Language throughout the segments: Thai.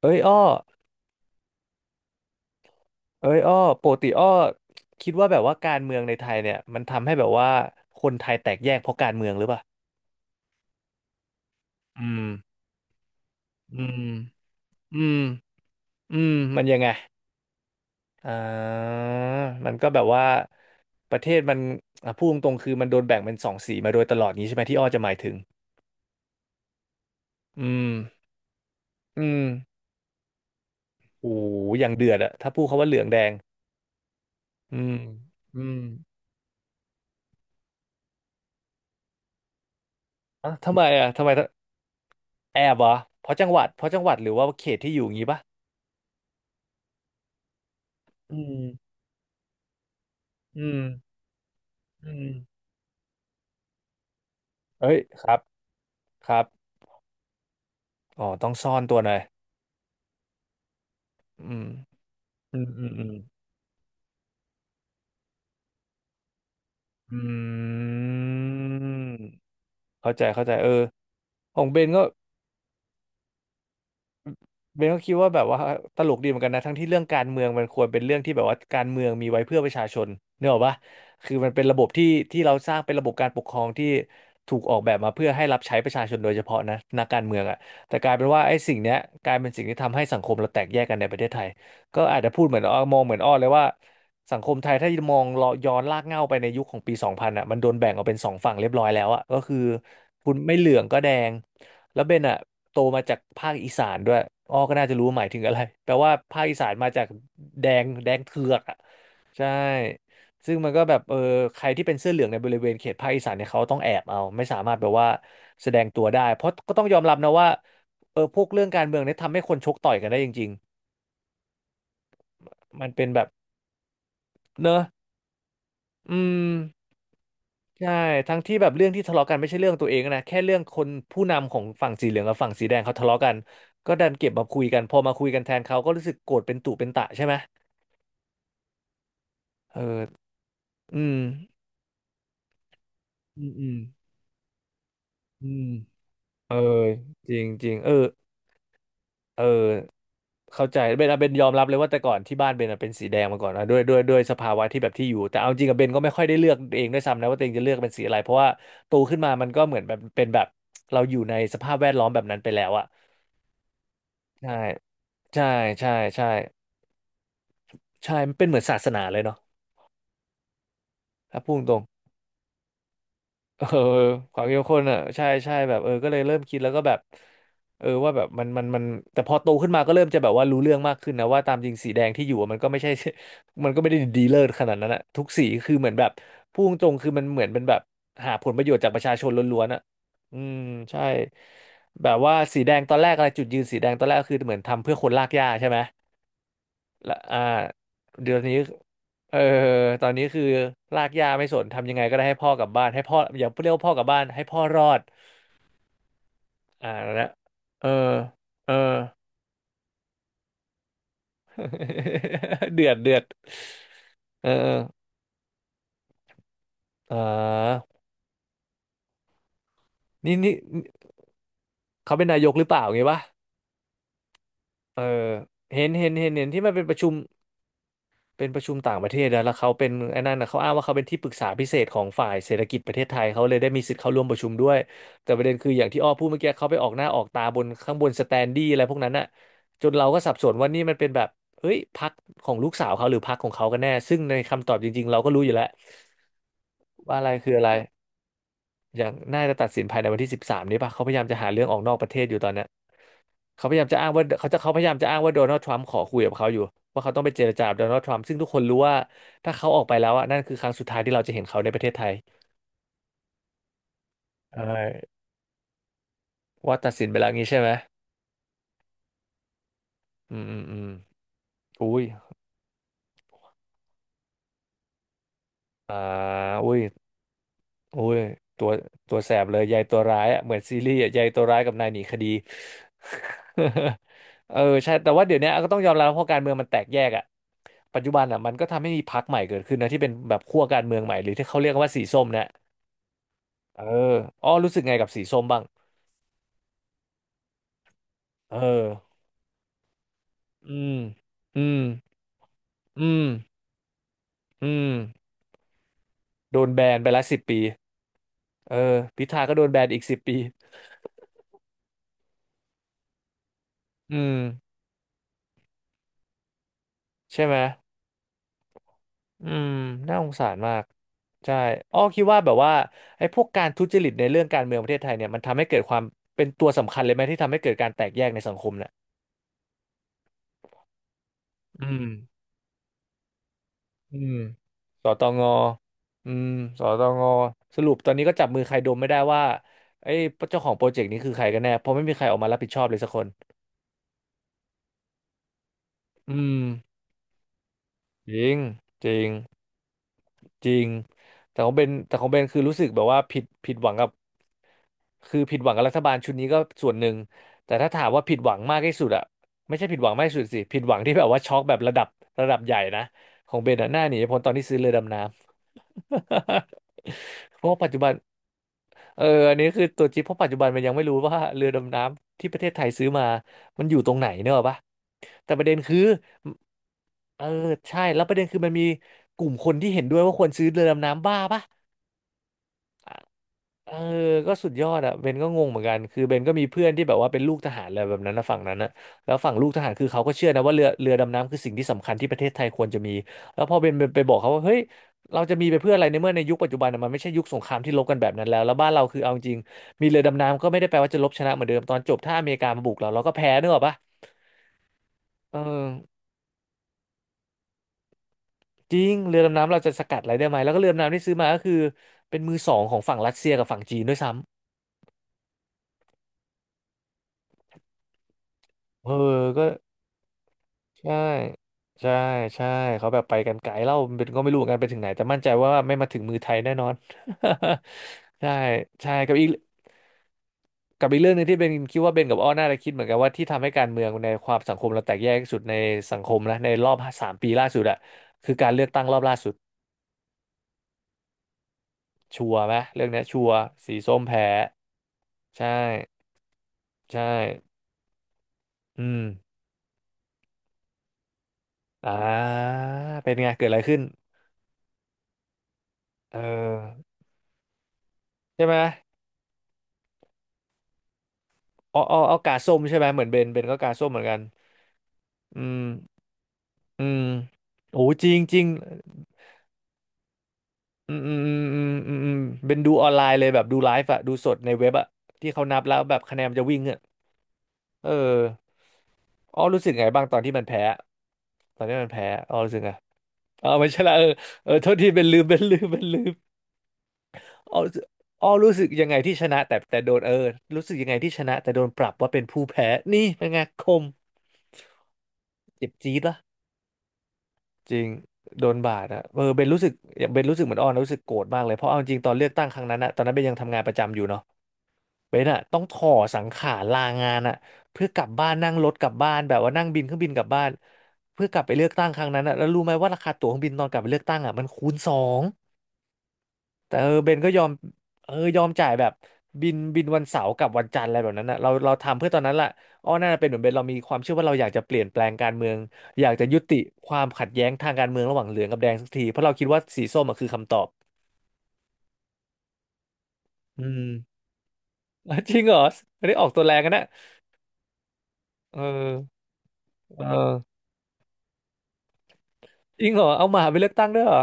เอ้ยอ้อเอ้ยอ้อปกติอ้อคิดว่าแบบว่าการเมืองในไทยเนี่ยมันทำให้แบบว่าคนไทยแตกแยกเพราะการเมืองหรือเปล่าอืมอืม อืม อืมมันยังไงอ่ามันก็แบบว่าประเทศมันอ่ะพูดตรงๆคือมันโดนแบ่งเป็นสองสีมาโดยตลอดนี้ใช่ไหมที่อ้อจะหมายถึงอืมอืมโอ้โหอย่างเดือดอะถ้าพูดคำว่าเหลืองแดงอืม อืมอ่ะทำไมอะทำไมแอบเหรอเพราะจังหวัดเพราะจังหวัดหรือว่าเขตที่อยู่อย่างงี้ปะอืมอืม อืมเอ้ยครับครับอ๋อต้องซ่อนตัวหน่อยอืมอืมอืมอืมอืมเข้าใจเข้าใจเออของเบนก็ เบนก็คิดว่าแบบว่าตลกดีเหมือนกันนะทั้งที่เรื่องการเมืองมันควรเป็นเรื่องที่แบบว่าการเมืองมีไว้เพื่อประชาชนเนกอะปะคือมันเป็นระบบที่ที่เราสร้างเป็นระบบการปกครองที่ถูกออกแบบมาเพื่อให้รับใช้ประชาชนโดยเฉพาะนะนักการเมืองอ่ะแต่กลายเป็นว่าไอ้สิ่งเนี้ยกลายเป็นสิ่งที่ทำให้สังคมเราแตกแยกกันในประเทศไทยก็อาจจะพูดเหมือนอ้อมองเหมือนอ้อเลยว่าสังคมไทยถ้ามองเลาะย้อนลากเหง้าไปในยุคของปี2000อ่ะมันโดนแบ่งออกเป็นสองฝั่งเรียบร้อยแล้วอ่ะก็คือคุณไม่เหลืองก็แดง แล้วเบนอะโตมาจากภาคอีสานด้วยอ้อก็น่าจะรู้หมายถึงอะไรแปลว่าภาคอีสานมาจากแดงแดงเถือกอะใช่ซึ่งมันก็แบบเออใครที่เป็นเสื้อเหลืองในบริเวณเขตภาคอีสานเนี่ยเขาต้องแอบเอาไม่สามารถแบบว่าแสดงตัวได้เพราะก็ต้องยอมรับนะว่าเออพวกเรื่องการเมืองเนี่ยทำให้คนชกต่อยกันได้จริงๆมันเป็นแบบเนอะอืม ใช่ทั้งที่แบบเรื่องที่ทะเลาะกันไม่ใช่เรื่องตัวเองนะแค่เรื่องคนผู้นำของฝั่งสีเหลืองกับฝั่งสีแดงเขาทะเลาะกันก็ดันเก็บมาคุยกันพอมาคุยกันแทนเขาก็รู้สึกโกรธเป็นตุเป็นตะใช่ไหมเอออืมอืมอืมอืมเออจริงจริงเออเออเข้าใจเบนอะเบนยอมรับเลยว่าแต่ก่อนที่บ้านเบนอะเป็นสีแดงมาก่อนนะด้วยสภาวะที่แบบที่อยู่แต่เอาจริงกับเบนก็ไม่ค่อยได้เลือกเองด้วยซ้ำนะว่าตัวเองจะเลือกเป็นสีอะไรเพราะว่าโตขึ้นมามันก็เหมือนแบบเป็นแบบเราอยู่ในสภาพแวดล้อมแบบนั้นไปแล้วอะใช่ ใช่ใช่ใช่ใช่มันเป็นเหมือนศาสนาเลยเนาะถ้าพูดตรงเออความเข้มข้นอ่ะใช่ใช่แบบเออก็เลยเริ่มคิดแล้วก็แบบเออว่าแบบมันแต่พอโตขึ้นมาก็เริ่มจะแบบว่ารู้เรื่องมากขึ้นนะว่าตามจริงสีแดงที่อยู่อะมันก็ไม่ใช่ มันก็ไม่ได้ดีเลิศขนาดนั้นอะทุกสีคือเหมือนแบบพูดตรงๆคือมันเหมือนเป็นแบบหาผลประโยชน์จากประชาชนล้วนๆอะอืมใช่แบบว่าสีแดงตอนแรกอะไรจุดยืนสีแดงตอนแรกก็คือเหมือนทำเพื่อคนลากหญ้าใช่ไหม ละอ่าเดี๋ยวนี้เออตอนนี้คือลากย่าไม่สนทำยังไงก็ได้ให้พ่อกลับบ้านให้พ่ออย่าเรียกว่าพ่อกลับบ้านให้พ่อรอดอ่าแล้วเออเออ เดือดเดือดเออเอออ่านี่นี่เขาเป็นนายกหรือเปล่าไงวะเออเห็นเห็นเห็นเห็นที่มันเป็นประชุม ต่างประเทศนะแล้วเขาเป็นไอ้นั่นนะเขาอ้างว่าเขาเป็นที่ปรึกษาพิเศษของฝ่ายเศรษฐกิจประเทศไทยเขาเลยได้มีสิทธิ์เข้าร่วมประชุมด้วยแต่ประเด็นคืออย่างที่อ้อพูดเมื่อกี้เขาไปออกหน้าออกตาบนข้างบนสแตนดี้อะไรพวกนั้นน่ะจนเราก็สับสนว่านี่มันเป็นแบบเฮ้ยพรรคของลูกสาวเขาหรือพรรคของเขากันแน่ซึ่งในคำตอบจริงๆเราก็รู้อยู่แล้วว่าอะไรคืออะไรอย่างน่าจะตัดสินภายในวันที่13นี้ป่ะเขาพยายามจะหาเรื่องออกนอกประเทศอยู่ตอนเนี้ เขาพยายามจะอ้างว่าเขาจะเขาพยายามจะอ้างว่าโดนัลด์ทรัมป์ขอคุยกับเขาอยู่ว่าเขาต้องไปเจรจากับโดนัลด์ทรัมป์ซึ่งทุกคนรู้ว่าถ้าเขาออกไปแล้วอ่ะนั่นคือครั้งสุดท้ายที่เราจะเห็นเขาในประเทศไทยใช่ว่าตัดสินไปแล้วงี้ใช่ไหมอืมอืมอืมอุ้ยอ่าอุ้ยอุ้ยตัวตัวแสบเลยยายตัวร้ายอ่ะเหมือนซีรีส์อ่ะยายตัวร้ายกับนายหนีคดี เออใช่แต่ว่าเดี๋ยวนี้ก็ต้องยอมรับเพราะการเมืองมันแตกแยกอ่ะปัจจุบันอ่ะมันก็ทำให้มีพรรคใหม่เกิดขึ้นนะที่เป็นแบบขั้วการเมืองใหม่หรือที่เขาเรียกกันว่าสีส้มนะ เอออ้อรู้สึกไงกับสีส้มบ้างเอออืมอืมอืมอืมโดนแบนไปละสิบปีเออพิธาก็โดนแบนอีกสิบปีอืมใช่ไหมอืมน่าสงสารมากใช่อ้อคิดว่าแบบว่าไอ้พวกการทุจริตในเรื่องการเมืองประเทศไทยเนี่ยมันทำให้เกิดความเป็นตัวสำคัญเลยไหมที่ทำให้เกิดการแตกแยกในสังคมเนี่ยอืม อืมสตงอืมสตงสรุปตอนนี้ก็จับมือใครดมไม่ได้ว่าไอ้เจ้าของโปรเจกต์นี้คือใครกันแน่เพราะไม่มีใครออกมารับผิดชอบเลยสักคนอืมจริงจริงจริงแต่ของเบนคือรู้สึกแบบว่าผิดหวังกับคือผิดหวังกับรัฐบาลชุดนี้ก็ส่วนหนึ่งแต่ถ้าถามว่าผิดหวังมากที่สุดอะไม่ใช่ผิดหวังมากที่สุดสิผิดหวังที่แบบว่าช็อกแบบระดับใหญ่นะของเบนอะหน้าหนีพ้นตอนที่ซื้อเรือดำน้ำ เพราะว่าปัจจุบันเอออันนี้คือตัวจิ๊บเพราะปัจจุบันมันยังไม่รู้ว่าเรือดำน้ำที่ประเทศไทยซื้อมามันอยู่ตรงไหนเนกอะปะแต่ประเด็นคือเออใช่แล้วประเด็นคือมันมีกลุ่มคนที่เห็นด้วยว่าควรซื้อเรือดำน้ำบ้าปะ เออก็สุดยอดอะเบนก็งงเหมือนกันคือเบนก็มีเพื่อนที่แบบว่าเป็นลูกทหารอะไรแบบนั้นนะฝั่งนั้นนะแล้วฝั่งลูกทหารคือเขาก็เชื่อนะว่าเรือดำน้ำคือสิ่งที่สำคัญที่ประเทศไทยควรจะมีแล้วพอเบนไปบอกเขาว่าเฮ้ยเราจะมีไปเพื่ออะไรในเมื่อในยุคปัจจุบันน่ะมันไม่ใช่ยุคสงครามที่รบกันแบบนั้นแล้วแล้วบ้านเราคือเอาจริงมีเรือดำน้ำก็ไม่ได้แปลว่าจะรบชนะเหมือนเดิมตอนจบถ้าอเมริกามาบุกเราเราก็แพ้นึกออกปะเออจริงเรือดำน้ำเราจะสกัดอะไรได้ไหมแล้วก็เรือดำน้ำที่ซื้อมาก็คือเป็นมือสองของฝั่งรัสเซียกับฝั่งจีนด้วยซ้ำเออก็ ใช่ใช่ใช่เขาแบบไปกันไกลเล่าเป็นก็ไม่รู้เหมือนกันไปถึงไหนแต่มั่นใจว่าไม่มาถึงมือไทยแน่นอน ใช่ใช่กับอีกเรื่องหนึงที่เบนคิดว่าเบนกับอ้อน่าจะคิดเหมือนกันว่าที่ทำให้การเมืองในความสังคมเราแตกแยกที่สุดในสังคมนะในรอบ3 ปีล่าสุดอะคือการเลือกตั้งรอบล่าสุดชัวร์ไหมเรื่องเนี้ยชัวร์สีส้มแพ้ใช่ใช่อืมอ่าเป็นไงเกิดอะไรขึ้นเออใช่ไหมอ๋ออ๋อเอากาส้มใช่ไหมเหมือนเบนก็กาส้มเหมือนกัน อืมอืมโอ้จริงจริงอืมอืมอืมอืมอืมเป็นดูออนไลน์เลยแบบดูไลฟ์อะดูสดในเว็บอะที่เขานับแล้วแบบคะแนนมันจะวิ่งอะเอออ้อรู้สึกไงบ้างตอนที่มันแพ้ตอนที่มันแพ้อ้อรู้สึกไงอ๋อไม่ใช่ละเออเออโทษทีเป็นลืมอ้อรู้สึกอ้อรู้สึกยังไงที่ชนะแต่โดนเออรู้สึกยังไงที่ชนะแต่โดนปรับว่าเป็นผู้แพ้นี่เป็นไงคมเจ็บจี๊ดละ จริงโดนบาดอะเออเบนรู้สึกเบนรู้สึกเหมือนอ้อนนะรู้สึกโกรธมากเลยเพราะเอาจริงตอนเลือกตั้งครั้งนั้นอะตอนนั้นเบนยังทำงานประจำอยู่เนาะเบนอะต้องถ่อสังขารลางานอะเพื่อกลับบ้านนั่งรถกลับบ้านแบบว่านั่งบินเครื่องบินกลับบ้านเพื่อกลับไปเลือกตั้งครั้งนั้นอะแล้วรู้ไหมว่าราคาตั๋วเครื่องบินตอนกลับไปเลือกตั้งอะมันคูณสอง แต่เบนก็ยอมยอมจ่ายแบบบินวันเสาร์กับวันจันทร์อะไรแบบนั้นนะเราทำเพื่อตอนนั้นล่ะอ้อน่าจะเป็นเหมือนเบนเรามีความเชื่อว่าเราอยากจะเปลี่ยนแปลงการเมืองอยากจะยุติความขัดแย้งทางการเมืองระหว่างเหลืองกับแดงสักทีเพราะเราคิดว่าสีส้มอะคือคำตอบอืมอ่ะจริงเหรอไม่ได้ออกตัวแรงกันนะเออเออจริงเหรอเอาหมาไปเลือกตั้งด้วยเหรอ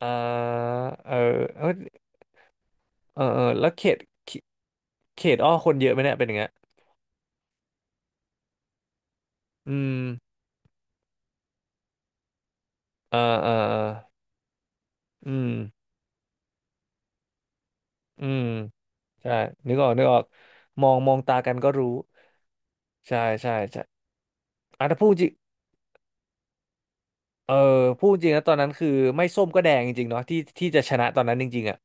อ่าเออเออเออเออแล้วเขตเขเขตอ้อคนเยอะไหมเนี่ยเป็นอย่างเงี้ยอืมเออเออเอออืมอืม ใช่นึกออกนึกออกมองตากันก็รู้ใช่ใช่ใช่อ่ะถ้าพูดจริงเออพูดจริงนะตอนนั้นคือไม่ส้มก็แดงจริงๆเนาะที่จะชนะตอนนั้นจริงๆอ่ะ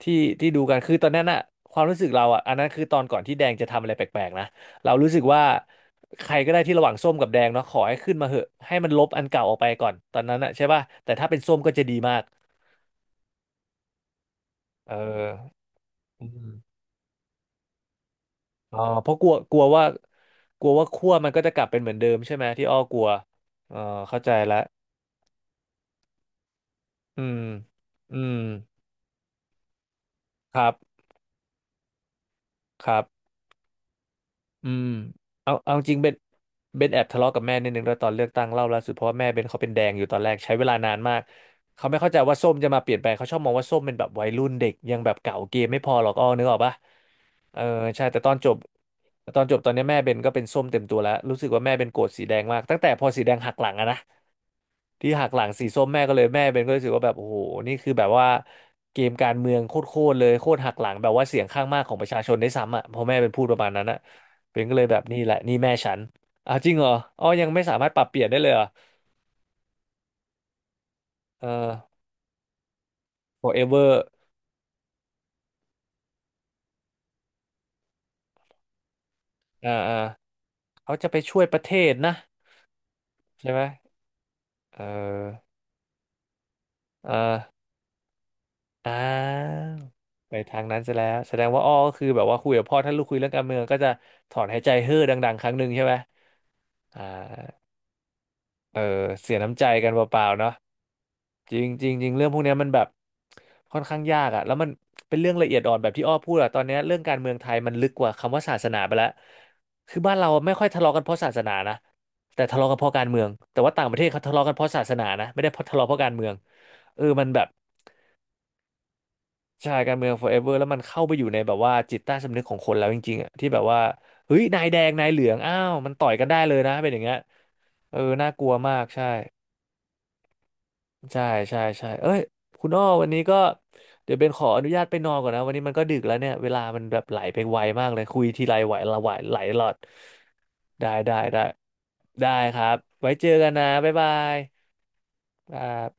ที่ที่ดูกันคือตอนนั้นอะความรู้สึกเราอ่ะอันนั้นคือตอนก่อนที่แดงจะทำอะไรแปลกๆนะเรารู้สึกว่าใครก็ได้ที่ระหว่างส้มกับแดงเนาะขอให้ขึ้นมาเหอะให้มันลบอันเก่าออกไปก่อนตอนนั้นอะใช่ป่ะแต่ถ้าเป็นส้มก็จะดีมากเอออืมอ๋อเพราะกลัวกลัวว่ากลัวว่าขั้วมันก็จะกลับเป็นเหมือนเดิมใช่ไหมที่อ้อกลัวเออเข้าใจละ อืม อืม ครับ ครับ อืมเอาจริงเบนเบนแอบทะเลาะกับแม่นิดนึงด้วยตอนเลือกตั้งเล่าล่าสุดเพราะว่าแม่เบนเขาเป็นแดงอยู่ตอนแรกใช้เวลานานมากเขาไม่เข้าใจว่าส้มจะมาเปลี่ยนแปลงเขาชอบมองว่าส้มเป็นแบบวัยรุ่นเด็กยังแบบเก่าเกมไม่พอหรอกอ้อนึกออกปะเออใช่แต่ตอนจบแต่ตอนจบตอนนี้แม่เบนก็เป็นส้มเต็มตัวแล้วรู้สึกว่าแม่เบนโกรธสีแดงมากตั้งแต่พอสีแดงหักหลังอะนะที่หักหลังสีส้มแม่ก็เลยแม่เบนก็รู้สึกว่าแบบโอ้โหนี่คือแบบว่าเกมการเมืองโคตรๆเลยโคตรหักหลังแบบว่าเสียงข้างมากของประชาชนได้วยซ้ำอ่ะพอแม่เป็นพูดประมาณนั้นอะ เป็นก็เลยแบบนี่แหละนี่แม่ฉันอ้าวจริงเหรออ๋อยังไม่สามารถปรับเปลี่ยนได้เลยเหรอเออ forever อ่าอ่าเขาจะไปช่วยประเทศนะใช่ไหมเอออ่าอ่าไปทางนั้นซะแล้วแสดงว่าอ้อก็คือแบบว่าคุยกับพ่อถ้าลูกคุยเรื่องการเมืองก็จะถอนหายใจเฮ้อดังๆครั้งหนึ่งใช่ไหมอ่าเออเสียน้ำใจกันเปล่าๆเนาะ จริงจริงจริงเรื่องพวกเนี้ยมันแบบค่อนข้างยากอะแล้วมันเป็นเรื่องละเอียดอ่อนแบบที่อ้อพูดอะตอนเนี้ยเรื่องการเมืองไทยมันลึกกว่าคำว่าศาสนาไปแล้วคือบ้านเราไม่ค่อยทะเลาะกันเพราะศาสนานะแต่ทะเลาะกันเพราะการเมืองแต่ว่าต่างประเทศเขาทะเลาะกันเพราะศาสนานะไม่ได้เพราะทะเลาะเพราะการเมืองเออมันแบบใช่การเมือง forever แล้วมันเข้าไปอยู่ในแบบว่าจิตใต้สำนึกของคนแล้วจริงๆอะที่แบบว่าเฮ้ยนายแดงนายเหลืองอ้าวมันต่อยกันได้เลยนะเป็นอย่างเงี้ยเออน่ากลัวมากใช่ ใช่ใช่ใช่เอ้ย คุณอ้อวันนี้ก็ เดี๋ยวเบนขออนุญาตไปนอนก่อนนะ วันนี้มันก็ดึกแล้วเนี่ย เวลามันแบบไหลไปไวมากเลยคุยทีไรไหวละไหวไหลหลอดได้ได้ได้ได้ครับ ไว้เจอกันนะบ๊ายบายครับ